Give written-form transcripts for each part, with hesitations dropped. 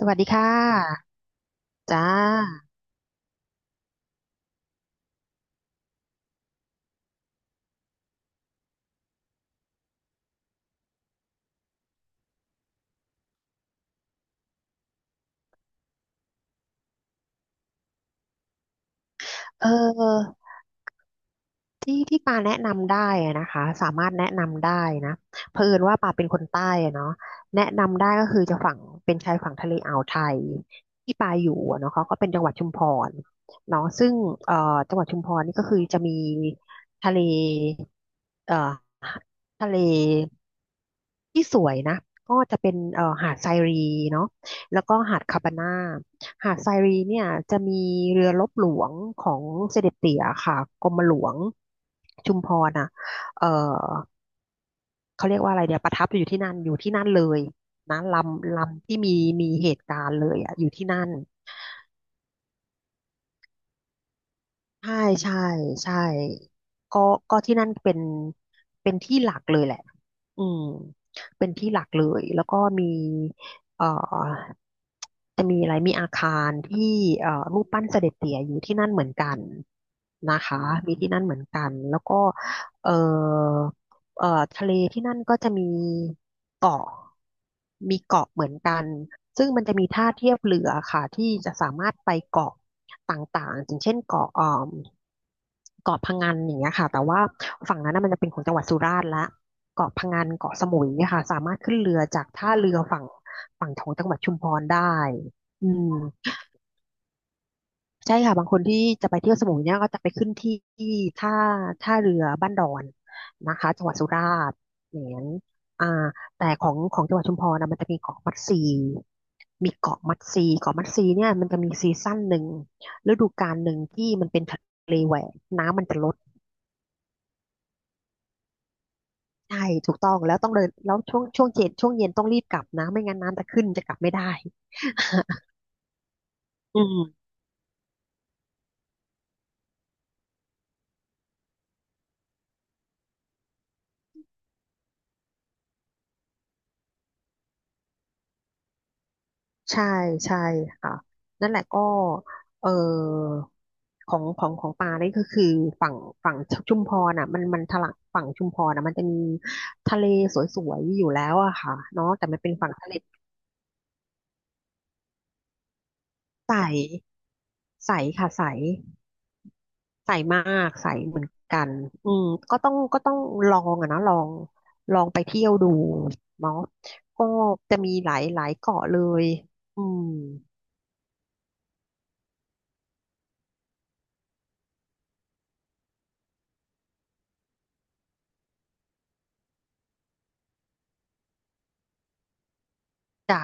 สวัสดีค่ะจ้าเออที่ปาแนะนำได้อะนะคะสามารถแนะนำได้นะเผอิญว่าปาเป็นคนใต้อะเนาะแนะนำได้ก็คือจะฝั่งเป็นชายฝั่งทะเลอ่าวไทยที่ปาอยู่อะเนาะเขาก็เป็นจังหวัดชุมพรเนาะซึ่งเอ่อจังหวัดชุมพรนี่ก็คือจะมีทะเลเอ่อทะเล ที่สวยนะก็จะเป็นหาดไซรีเนาะแล้วก็หาดคาปาน่าหาดไซรีเนี่ยจะมีเรือรบหลวงของเสด็จเตี่ยค่ะกรมหลวงชุมพรอ่ะเอ่อเขาเรียกว่าอะไรเดี๋ยวประทับอยู่ที่นั่นเลยนะลำที่มีมีเหตุการณ์เลยอ่ะอยู่ที่นั่น ใช่ใช่ใช่ก็ก็ที่นั่นเป็นที่หลักเลยแหละอืมเป็นที่หลักเลยแล้วก็มีเอ่อจะมีอะไรมีอาคารที่รูปปั้นเสด็จเตี่ยอยู่ที่นั่นเหมือนกันนะคะมีที่นั่นเหมือนกันแล้วก็เอ่อเอ่อทะเลที่นั่นก็จะมีเกาะมีเกาะเหมือนกัน ซึ่งมันจะมีท่าเทียบเรือค่ะที่จะสามารถไปเกาะต่างๆอย่างเช่นเกาะเอ่มเกาะพะงันอย่างเงี้ยค่ะแต่ว่าฝั่งนั้นนะมันจะเป็นของจังหวัดสุราษฎร์ละเกาะพะงันเกาะสมุยเนี่ยค่ะสามารถขึ้นเรือจากท่าเรือฝั่งของจังหวัดชุมพรได้อืม ใช่ค่ะบางคนที่จะไปเที่ยวสมุยเนี่ยก็จะไปขึ้นที่ท่าท่าเรือบ้านดอนนะคะจังหวัดสุราษฎร์อย่างนั้นอ่าแต่ของจังหวัดชุมพรนะมันจะมีเกาะมัดซีมีเกาะมัดซีเนี่ยมันจะมีซีซั่นหนึ่งฤดูกาลหนึ่งที่มันเป็นทะเลแหวกน้ำมันจะลดใช่ถูกต้องแล้วต้องเดินแล้วช่วงช่วงเย็นช่วงเย็นต้องรีบกลับนะไม่งั้นน้ำจะขึ้นจะกลับไม่ได้อืม ใช่ใช่ค่ะนั่นแหละก็เออของปลานี่ก็คือฝั่งฝั่งชุมพรอ่ะมันมันทะลักฝั่งชุมพรอ่ะมันจะมีทะเลสวยๆอยู่แล้วอะค่ะเนาะแต่มันเป็นฝั่งทะเลใสใสค่ะใสใสมากใสเหมือนกันอืมก็ต้องลองอะนะลองไปเที่ยวดูเนาะก็จะมีหลายเกาะเลยอืมจ้ะ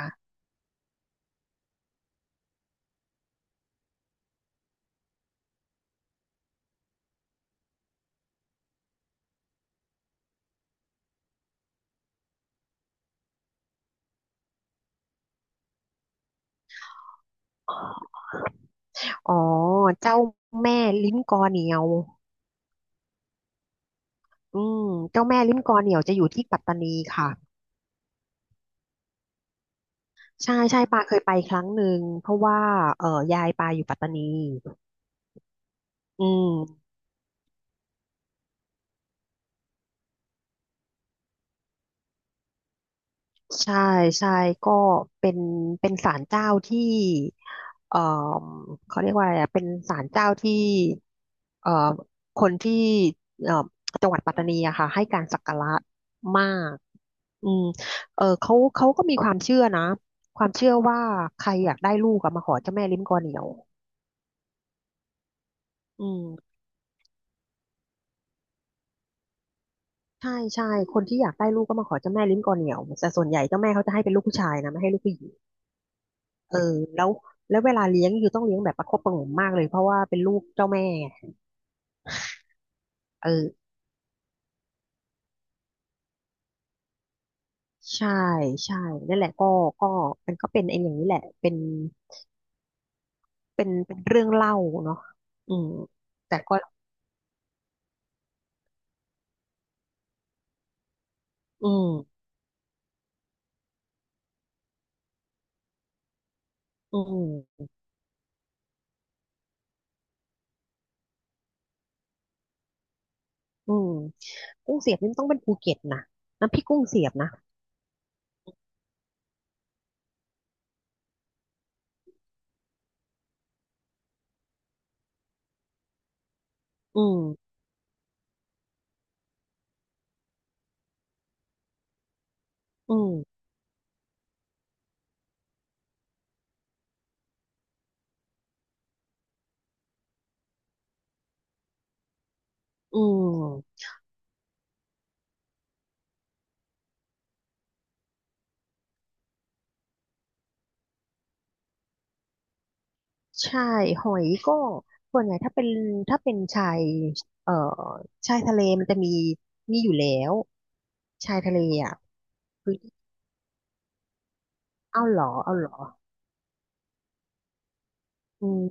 อ๋อเจ้าแม่ลิ้นกอเหนียว อืมเจ้าแม่ลิ้มกอเหนี่ยวจะอยู่ที่ปัตตานีค่ะใช่ใช่ปาเคยไปครั้งหนึ่งเพราะว่ายายปาอยู่ปัตตานีอืมใช่ใช่ก็เป็นศาลเจ้าที่เอ่อเขาเรียกว่าอะไรอะเป็นศาลเจ้าที่เอ่อคนที่เอ่อจังหวัดปัตตานีอะค่ะให้การสักการะมากอืมเออเขาก็มีความเชื่อนะความเชื่อว่าใครอยากได้ลูกอะมาขอเจ้าแม่ลิ้มกอเหนียวอืม ใช่ใช่คนที่อยากได้ลูกก็มาขอเจ้าแม่ลิ้นกอเหนี่ยวแต่ส่วนใหญ่เจ้าแม่เขาจะให้เป็นลูกผู้ชายนะไม่ให้ลูกผู้หญิงเออแล้วแล้วเวลาเลี้ยงคือยูต้องเลี้ยงแบบประคบประหงมมากเลยเพราะว่าเป็นลูกเจ้าแม่ไงเออใช่ใช่นั่นแหละก็มันก็เป็นไอ้อย่างนี้แหละเป็นเรื่องเล่าเนาะอืมแต่ก็อืมอืมอืมกุ้งเสียบนี่มันต้องเป็นภูเก็ตนะน้ำพริกกุ้งเสียบนะอืมอืมอืม ใช่หอยก็ส่วนใหญ่ถ้าเป็นชายเอ่อชายทะเลมันจะมีมีอยู่แล้วชายทะเลอ่ะคือเอ้าเหรอเอาเหรออืม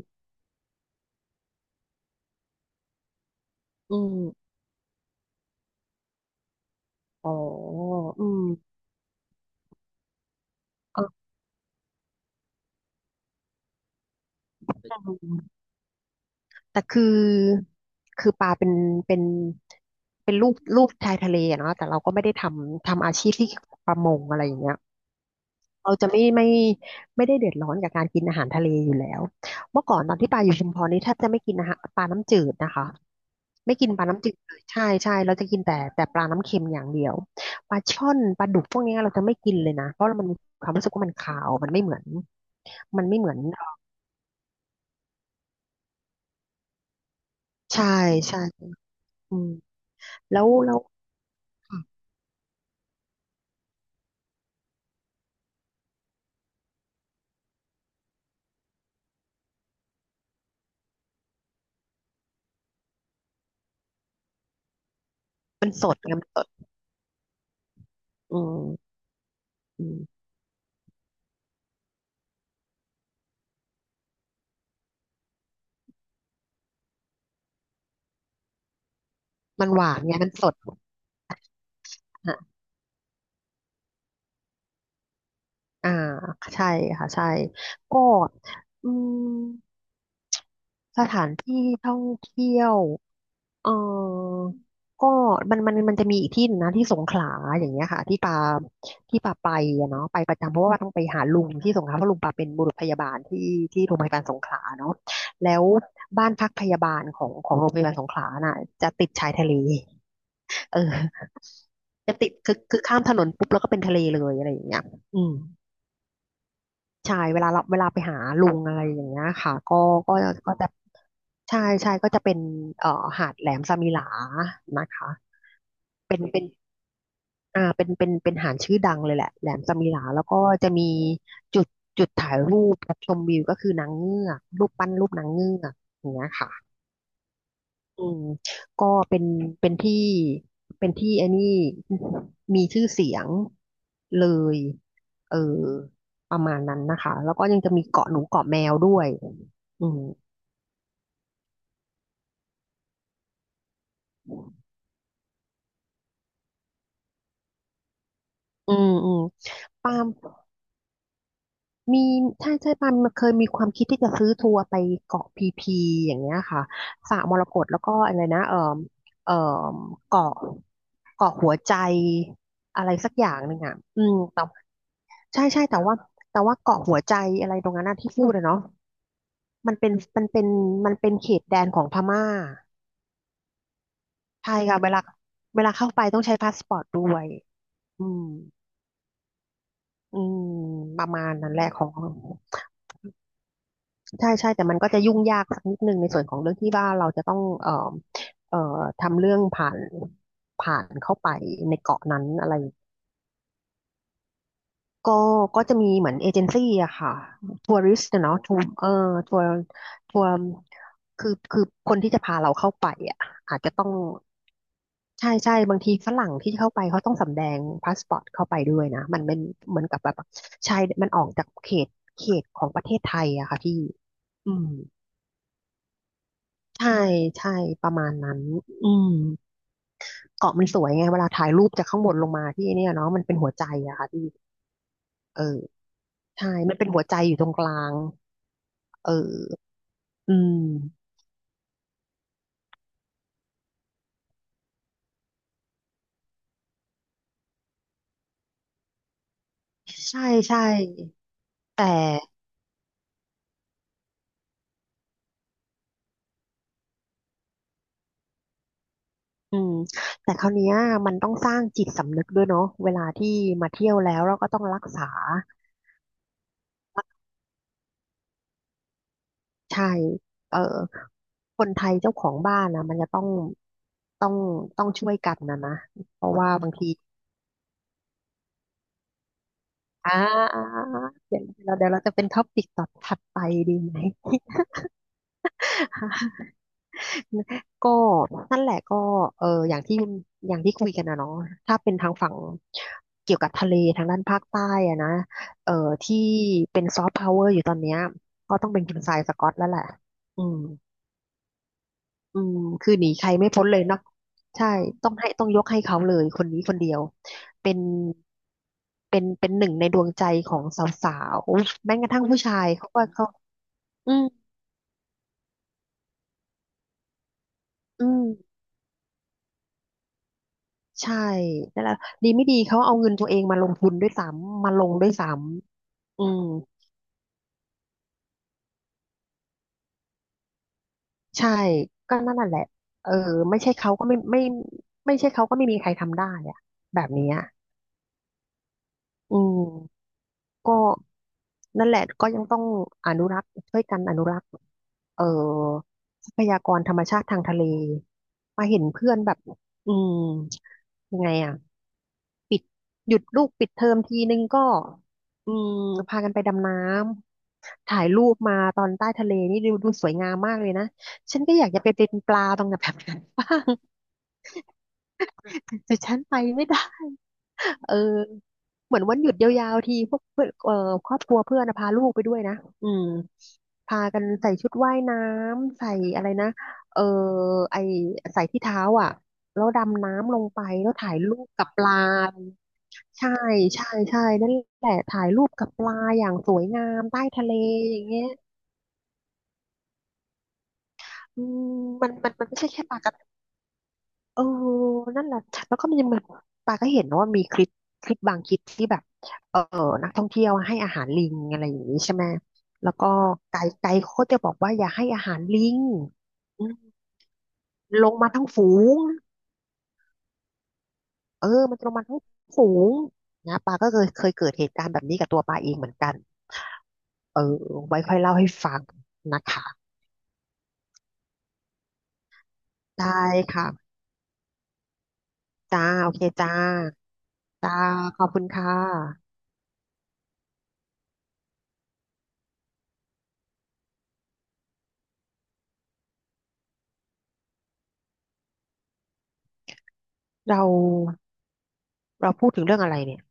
อืมอ๋ออืมเออแต่คือปลาเป็นเป็นเป็นรูปชายทะเลอะเนาะแต่เราก็ไม่ได้ทำอาชีพที่เกี่ยวกับประมงอะไรอย่างเงี้ย เราจะไม่ได้เดือดร้อนกับการกินอาหารทะเลอยู่แล้วเมื่อก่อนตอนที่ปาอยู่ชุมพรนี่แทบจะไม่กินอาหารปลาน้ำจืดนะคะไม่กินปลาน้ำจืดเลยใช่ใช่เราจะกินแต่ปลาน้ำเค็มอย่างเดียวปลาช่อนปลาดุกพวกเนี้ยเราจะไม่กินเลยนะเพราะมันมีความรู้สึกว่ามันคาวมันไม่เหมือนมันไม่เหมือนใช่ใช่อืมแล้วแล้วมันสดไงมันสดอืมอืมมันหวานไงมันสดอ่ะอ่าใช่ค่ะใช่ก็อืม สถานที่ท่องเที่ยวเออก็มันจะมีอีกที่หนึ่งนะที่สงขลาอย่างเงี้ยค่ะที่ปาไปอะเนาะไปประจำเพราะว่าต้องไปหาลุงที่สงขลาเพราะลุงปาเป็นบุรุษพยาบาลที่โรงพยาบาลสงขลาเนาะแล้วบ้านพักพยาบาลของโรงพยาบาลสงขลาน่ะจะติดชายทะเลเออจะติดคือข้ามถนนปุ๊บแล้วก็เป็นทะเลเลยอะไรอย่างเงี้ยอืม ใช่เวลาไปหาลุงอะไรอย่างเงี้ยค่ะก็ก็จะใช่ก็จะเป็นเอ่อหาดแหลมสมิหลานะคะเป็นเป็นเป็นหาดชื่อดังเลยแหละแหลมสมิหลาแล้วก็จะมีจุดจุดถ่ายรูปชมวิวก็คือนางเงือกรูปนางเงือกอย่างเงี้ยค่ะ อืมก็เป็นเป็นที่เป็นที่ไอนนี่มีชื่อเสียงเลยเออประมาณนั้นนะคะ แล้วก็ยังจะมีเกาะหนูเกาะแมวด้วยอืมอืมอืมปาล์มมีใช่ปาล์มเคยมีความคิดที่จะซื้อทัวร์ไปเกาะพีพีอย่างเงี้ยค่ะสระมรกตแล้วก็อะไรนะเอ่อเกาะเกาะหัวใจอะไรสักอย่างหนึ่งอ่ะอืมแต่ ใช่แต่ว่าเกาะหัวใจอะไรตรงนั้นนะที่พูดอะเนาะมันเป็นมันเป็นมันเป็นเขตแดนของพม่าใช่ค่ะเวลาเข้าไปต้องใช้พาสปอร์ตด้วยอืมอืมประมาณนั้นแหละของใช่แต่มันก็จะยุ่งยากสักนิดนึงในส่วนของเรื่องที่ว่าเราจะต้องเอ่อทำเรื่องผ่านเข้าไปในเกาะนั้นอะไร ก็ก็จะมีเหมือนเอเจนซี่อะค่ะทัวริสต์เนาะทัวร์เออทัวร์ทัวร์คือคนที่จะพาเราเข้าไปอะอาจจะต้องใช่บางทีฝรั่งที่เข้าไปเขาต้องสำแดงพาสปอร์ตเข้าไปด้วยนะมันเป็นเหมือนกับแบบชายมันออกจากเขตของประเทศไทยอะค่ะพี่อืมใช่ใช่ประมาณนั้นอืมเกาะมันสวยไงเวลาถ่ายรูปจากข้างบนลงมาที่เนี่ยเนาะมันเป็นหัวใจอะค่ะพี่เออใช่มันเป็นหัวใจอยู่ตรงกลางเออ อืมใช่ใช่แต่อืมแต่คราวเนี้ยมันต้องสร้างจิตสำนึกด้วยเนาะเวลาที่มาเที่ยวแล้วเราก็ต้องรักษาใช่เออคนไทยเจ้าของบ้านนะมันจะต้องต้องช่วยกันนะนะเพราะว่าบางทีอ่าอ่าเดี๋ยวเราจะเป็นท็อปิกต่อถัดไปดีไหม ก็นั่นแหละก็เอออย่างที่คุยกันนะเนาะถ้าเป็นทางฝั่งเกี่ยวกับทะเลทางด้านภาคใต้อะนะเออที่เป็นซอฟต์พาวเวอร์อยู่ตอนเนี้ยก็ต้องเป็นคุณทรายสกอตแล้วแหละอืมอืมคือหนีใครไม่พ้นเลยเนาะใช่ต้องให้ต้องยกให้เขาเลยคนนี้คนเดียวเป็นหนึ่งในดวงใจของสาวๆแม้กระทั่งผู้ชายเขาอืมอืม ใช่นั่นแหละดีไม่ดีเขาเอาเงินตัวเองมาลงทุนด้วยซ้ำมาลงด้วยซ้ำอืมใช่ก็นั่นน่ะแหละเออไม่ใช่เขาก็ไม่ไม่ไม่ใช่เขาก็ไม่มีใครทำได้อะแบบเนี้ยอืมก็นั่นแหละก็ยังต้องอนุรักษ์ช่วยกันอนุรักษ์เอ่อทรัพยากรธรรมชาติทางทะเลมาเห็นเพื่อนแบบอืมยังไงอ่ะ ปิดหยุดลูกปิดเทอมทีนึงก็อืมพากันไปดำน้ำถ่ายรูปมาตอนใต้ทะเลนี่ดูสวยงามมากเลยนะฉันก็อยากจะไปเป็นปลาตรงแบบนั้นบ้างแต่ฉันไปไม่ได้เออเหมือนวันหยุดยาวๆทีพวกเพื่อนครอบครัวเพื่อนนะพาลูกไปด้วยนะอืมพากันใส่ชุดว่ายน้ำใส่อะไรนะเออใส่ที่เท้าอ่ะแล้วดำน้ำลงไปแล้วถ่ายรูปกับปลา ใช่ใช่นั่นแหละถ่ายรูปกับปลาอย่างสวยงามใต้ทะเลอย่างเงี้ยอืมมันไม่ใช่แค่ปลากระเออนั่นแหละแล้วก็มันยังมีปลาก็เห็นนะว่ามีคลิปบางคลิปที่แบบเออนักท่องเที่ยวให้อาหารลิงอะไรอย่างนี้ใช่ไหมแล้วก็ไกด์เขาก็จะบอกว่าอย่าให้อาหารลิงอืมลงมาทั้งฝูงเออมันจะลงมาทั้งฝูงนะปลาก็เคยเกิดเหตุการณ์แบบนี้กับตัวปลาเองเหมือนกันเออไว้ค่อยเล่าให้ฟังนะคะ ได้ค่ะจ้าโอเคจ้าจ้าขอบคุณค่ะเราเราพูดถึงเรื่องอะไรเนี่ย